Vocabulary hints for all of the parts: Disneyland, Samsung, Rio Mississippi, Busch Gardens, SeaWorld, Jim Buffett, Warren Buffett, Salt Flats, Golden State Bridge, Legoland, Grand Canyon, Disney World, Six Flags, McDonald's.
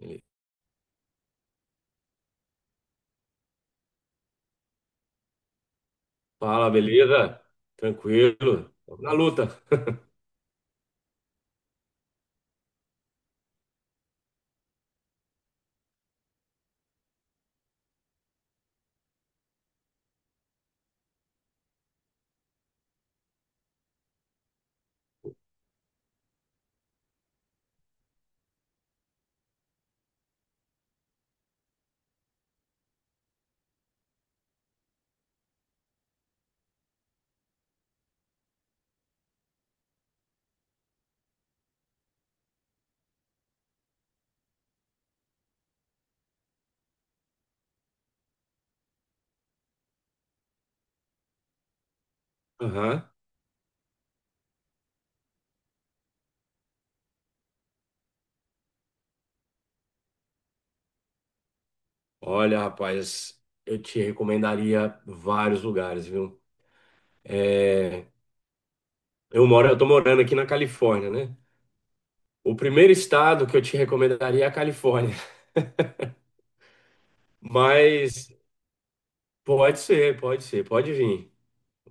Ele, Fala, beleza? Tranquilo? Tamo na luta. Aham. Olha, rapaz, eu te recomendaria vários lugares, viu? Eu tô morando aqui na Califórnia, né? O primeiro estado que eu te recomendaria é a Califórnia, mas pode ser, pode ser, pode vir.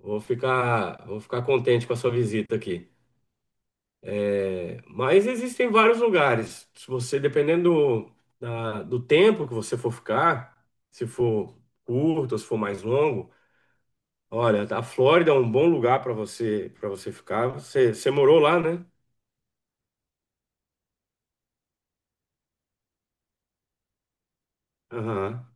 Vou ficar contente com a sua visita aqui. É, mas existem vários lugares. Se você, dependendo do, do tempo que você for ficar, se for curto, se for mais longo, olha, a Flórida é um bom lugar para você ficar. Você morou lá, né? Aham,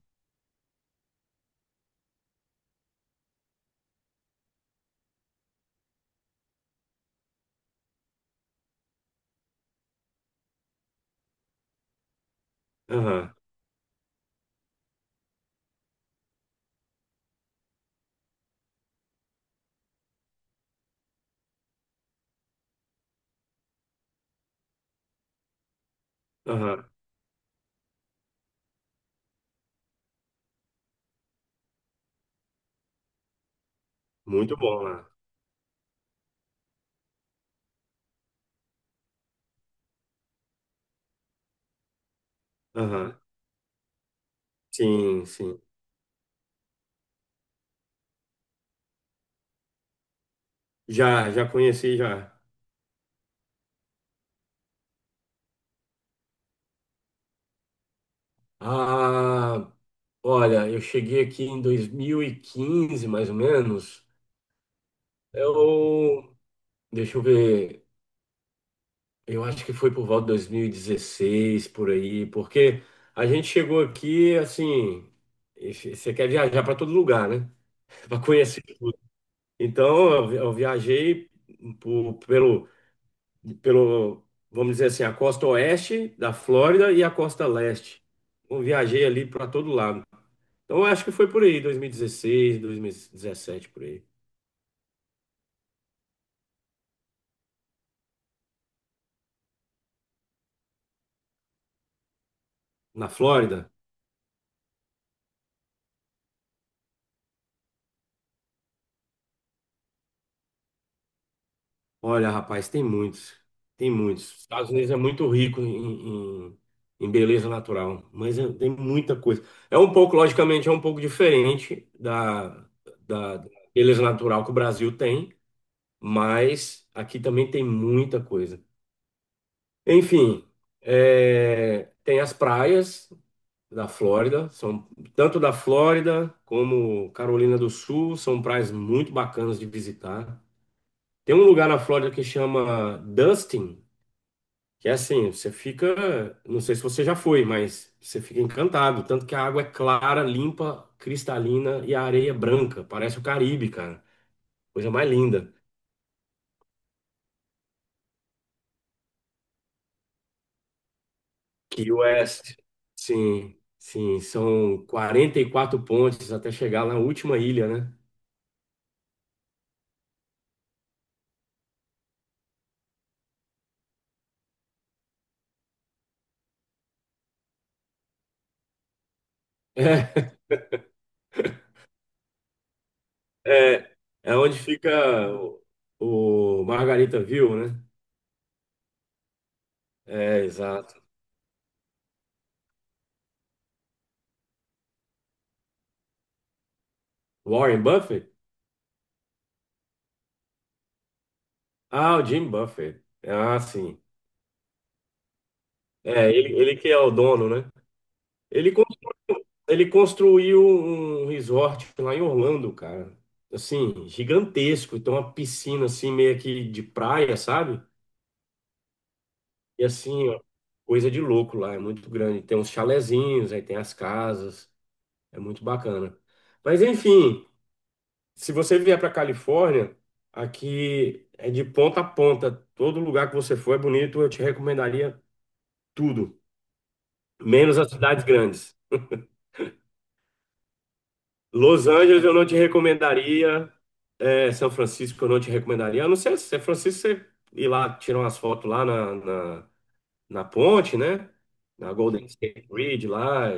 aham, aham. Muito bom lá. Aham. Sim, sim. Já, já conheci já. Ah, olha, eu cheguei aqui em 2015 mais ou menos. Eu, deixa eu ver, eu acho que foi por volta de 2016 por aí, porque a gente chegou aqui assim, e você quer viajar para todo lugar, né? Para conhecer. Então, eu viajei por- pelo, pelo, vamos dizer assim, a costa oeste da Flórida e a costa leste. Eu viajei ali para todo lado. Então, eu acho que foi por aí, dois mil e dezesseis, 2017 por aí. Na Flórida, olha, rapaz, tem muitos. Tem muitos. Os Estados Unidos é muito rico em beleza natural, mas tem muita coisa. É um pouco, logicamente, é um pouco diferente da beleza natural que o Brasil tem, mas aqui também tem muita coisa. Enfim, é, tem as praias da Flórida, são tanto da Flórida como Carolina do Sul, são praias muito bacanas de visitar. Tem um lugar na Flórida que chama Dustin, que é assim, você fica, não sei se você já foi, mas você fica encantado, tanto que a água é clara, limpa, cristalina e a areia é branca, parece o Caribe, cara. Coisa mais linda. Key West, sim, sim, são 44 pontes até chegar na última ilha, né? É, é, é onde fica o Margarita View, né? É, exato. Warren Buffett? Ah, o Jim Buffett. Ah, sim. É, ele que é o dono, né? Ele, con- ele construiu um resort lá em Orlando, cara. Assim, gigantesco. Então, uma piscina assim, meio que de praia, sabe? E assim, ó, coisa de louco lá, é muito grande. Tem uns chalezinhos, aí tem as casas, é muito bacana. Mas enfim, se você vier para Califórnia, aqui é de ponta a ponta. Todo lugar que você for é bonito, eu te recomendaria tudo, menos as cidades grandes. Los Angeles eu não te recomendaria, é, São Francisco eu não te recomendaria. A não ser se São Francisco você ir lá, tirar umas fotos lá na ponte, né? Na Golden State Bridge lá.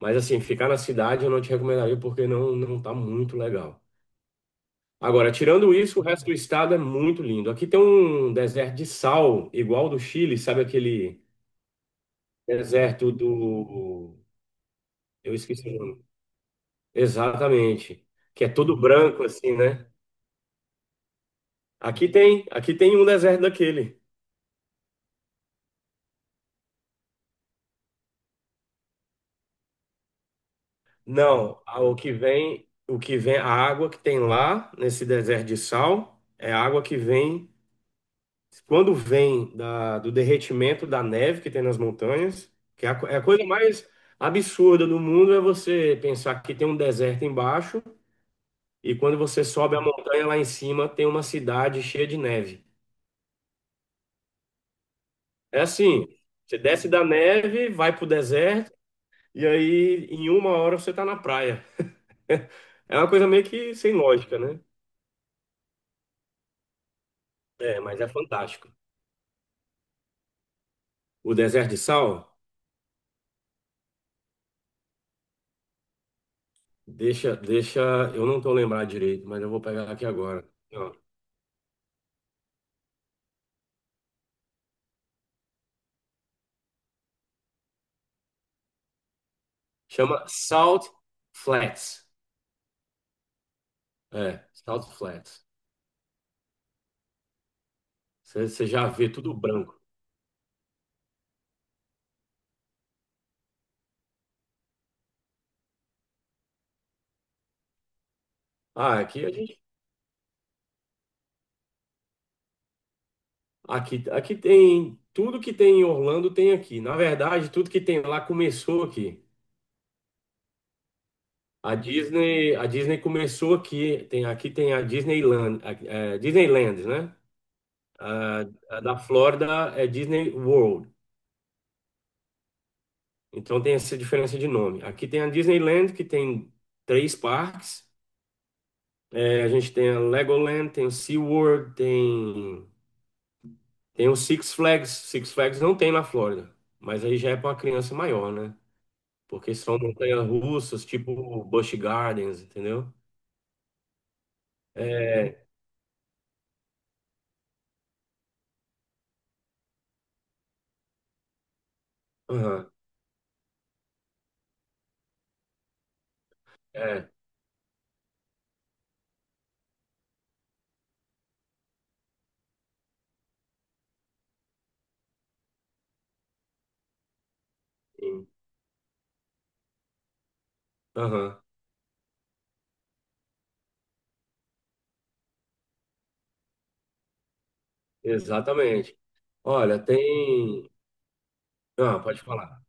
Mas assim, ficar na cidade eu não te recomendaria porque não tá muito legal. Agora, tirando isso, o resto do estado é muito lindo. Aqui tem um deserto de sal, igual do Chile, sabe aquele deserto do... Eu esqueci o nome. Exatamente. Que é todo branco assim, né? Aqui tem um deserto daquele. Não, o que vem, a água que tem lá nesse deserto de sal é a água que vem quando vem do derretimento da neve que tem nas montanhas, que é é a coisa mais absurda do mundo é você pensar que tem um deserto embaixo e quando você sobe a montanha lá em cima tem uma cidade cheia de neve. É assim, você desce da neve, vai pro deserto e aí em uma hora você tá na praia. É uma coisa meio que sem lógica, né? É, mas é fantástico. O deserto de sal, deixa, eu não tô lembrado direito, mas eu vou pegar aqui agora. Chama Salt Flats. É, Salt Flats. Você já vê tudo branco. Ah, aqui tem tudo que tem em Orlando tem aqui. Na verdade, tudo que tem lá começou aqui. A Disney começou aqui. Tem aqui tem a Disneyland, Disneyland, né? A, a da Flórida é Disney World. Então tem essa diferença de nome. Aqui tem a Disneyland que tem três parques. É, a gente tem a Legoland, tem o SeaWorld, tem o Six Flags. Six Flags não tem na Flórida, mas aí já é para uma criança maior, né? Porque são montanhas russas, tipo Busch Gardens, entendeu? É, aham, é, sim, aham, exatamente. Olha, tem. Ah, pode falar.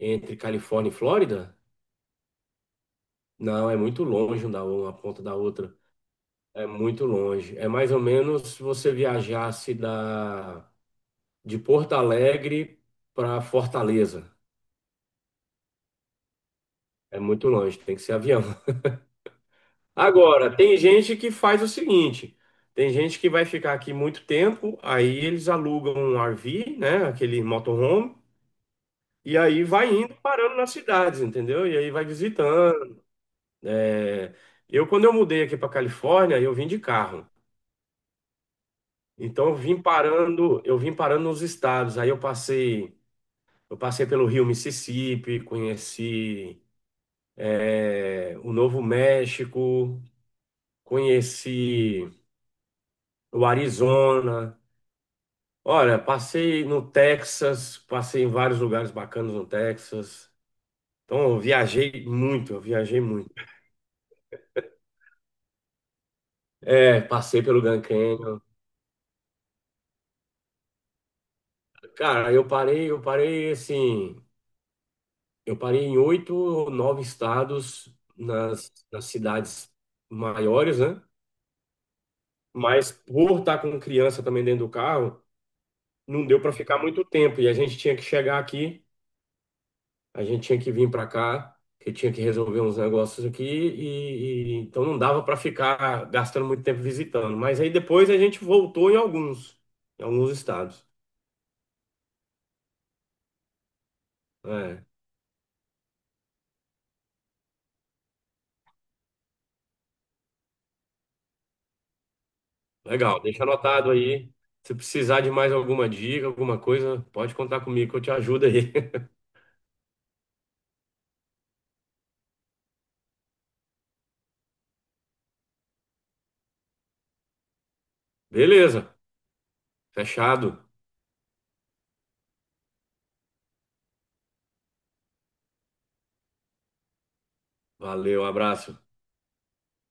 Entre Califórnia e Flórida? Não, é muito longe um da uma ponta da outra. É muito longe. É mais ou menos se você viajasse da de Porto Alegre para Fortaleza. É muito longe, tem que ser avião. Agora, tem gente que faz o seguinte: tem gente que vai ficar aqui muito tempo, aí eles alugam um RV, né? Aquele motorhome, e aí vai indo parando nas cidades, entendeu? E aí vai visitando. É, quando eu mudei aqui para Califórnia, eu vim de carro. Então eu vim parando nos estados. Aí eu passei pelo Rio Mississippi, conheci, é, o Novo México, conheci o Arizona. Olha, passei no Texas, passei em vários lugares bacanas no Texas. Então, eu viajei muito, eu viajei muito. É, passei pelo Grand Canyon. Cara, eu parei assim, eu parei em oito ou nove estados nas cidades maiores, né? Mas por estar com criança também dentro do carro, não deu para ficar muito tempo e a gente tinha que chegar aqui. A gente tinha que vir para cá, que tinha que resolver uns negócios aqui, então não dava para ficar gastando muito tempo visitando. Mas aí depois a gente voltou em alguns, estados. É, legal, deixa anotado aí. Se precisar de mais alguma dica, alguma coisa, pode contar comigo que eu te ajudo aí. Beleza, fechado. Valeu, abraço.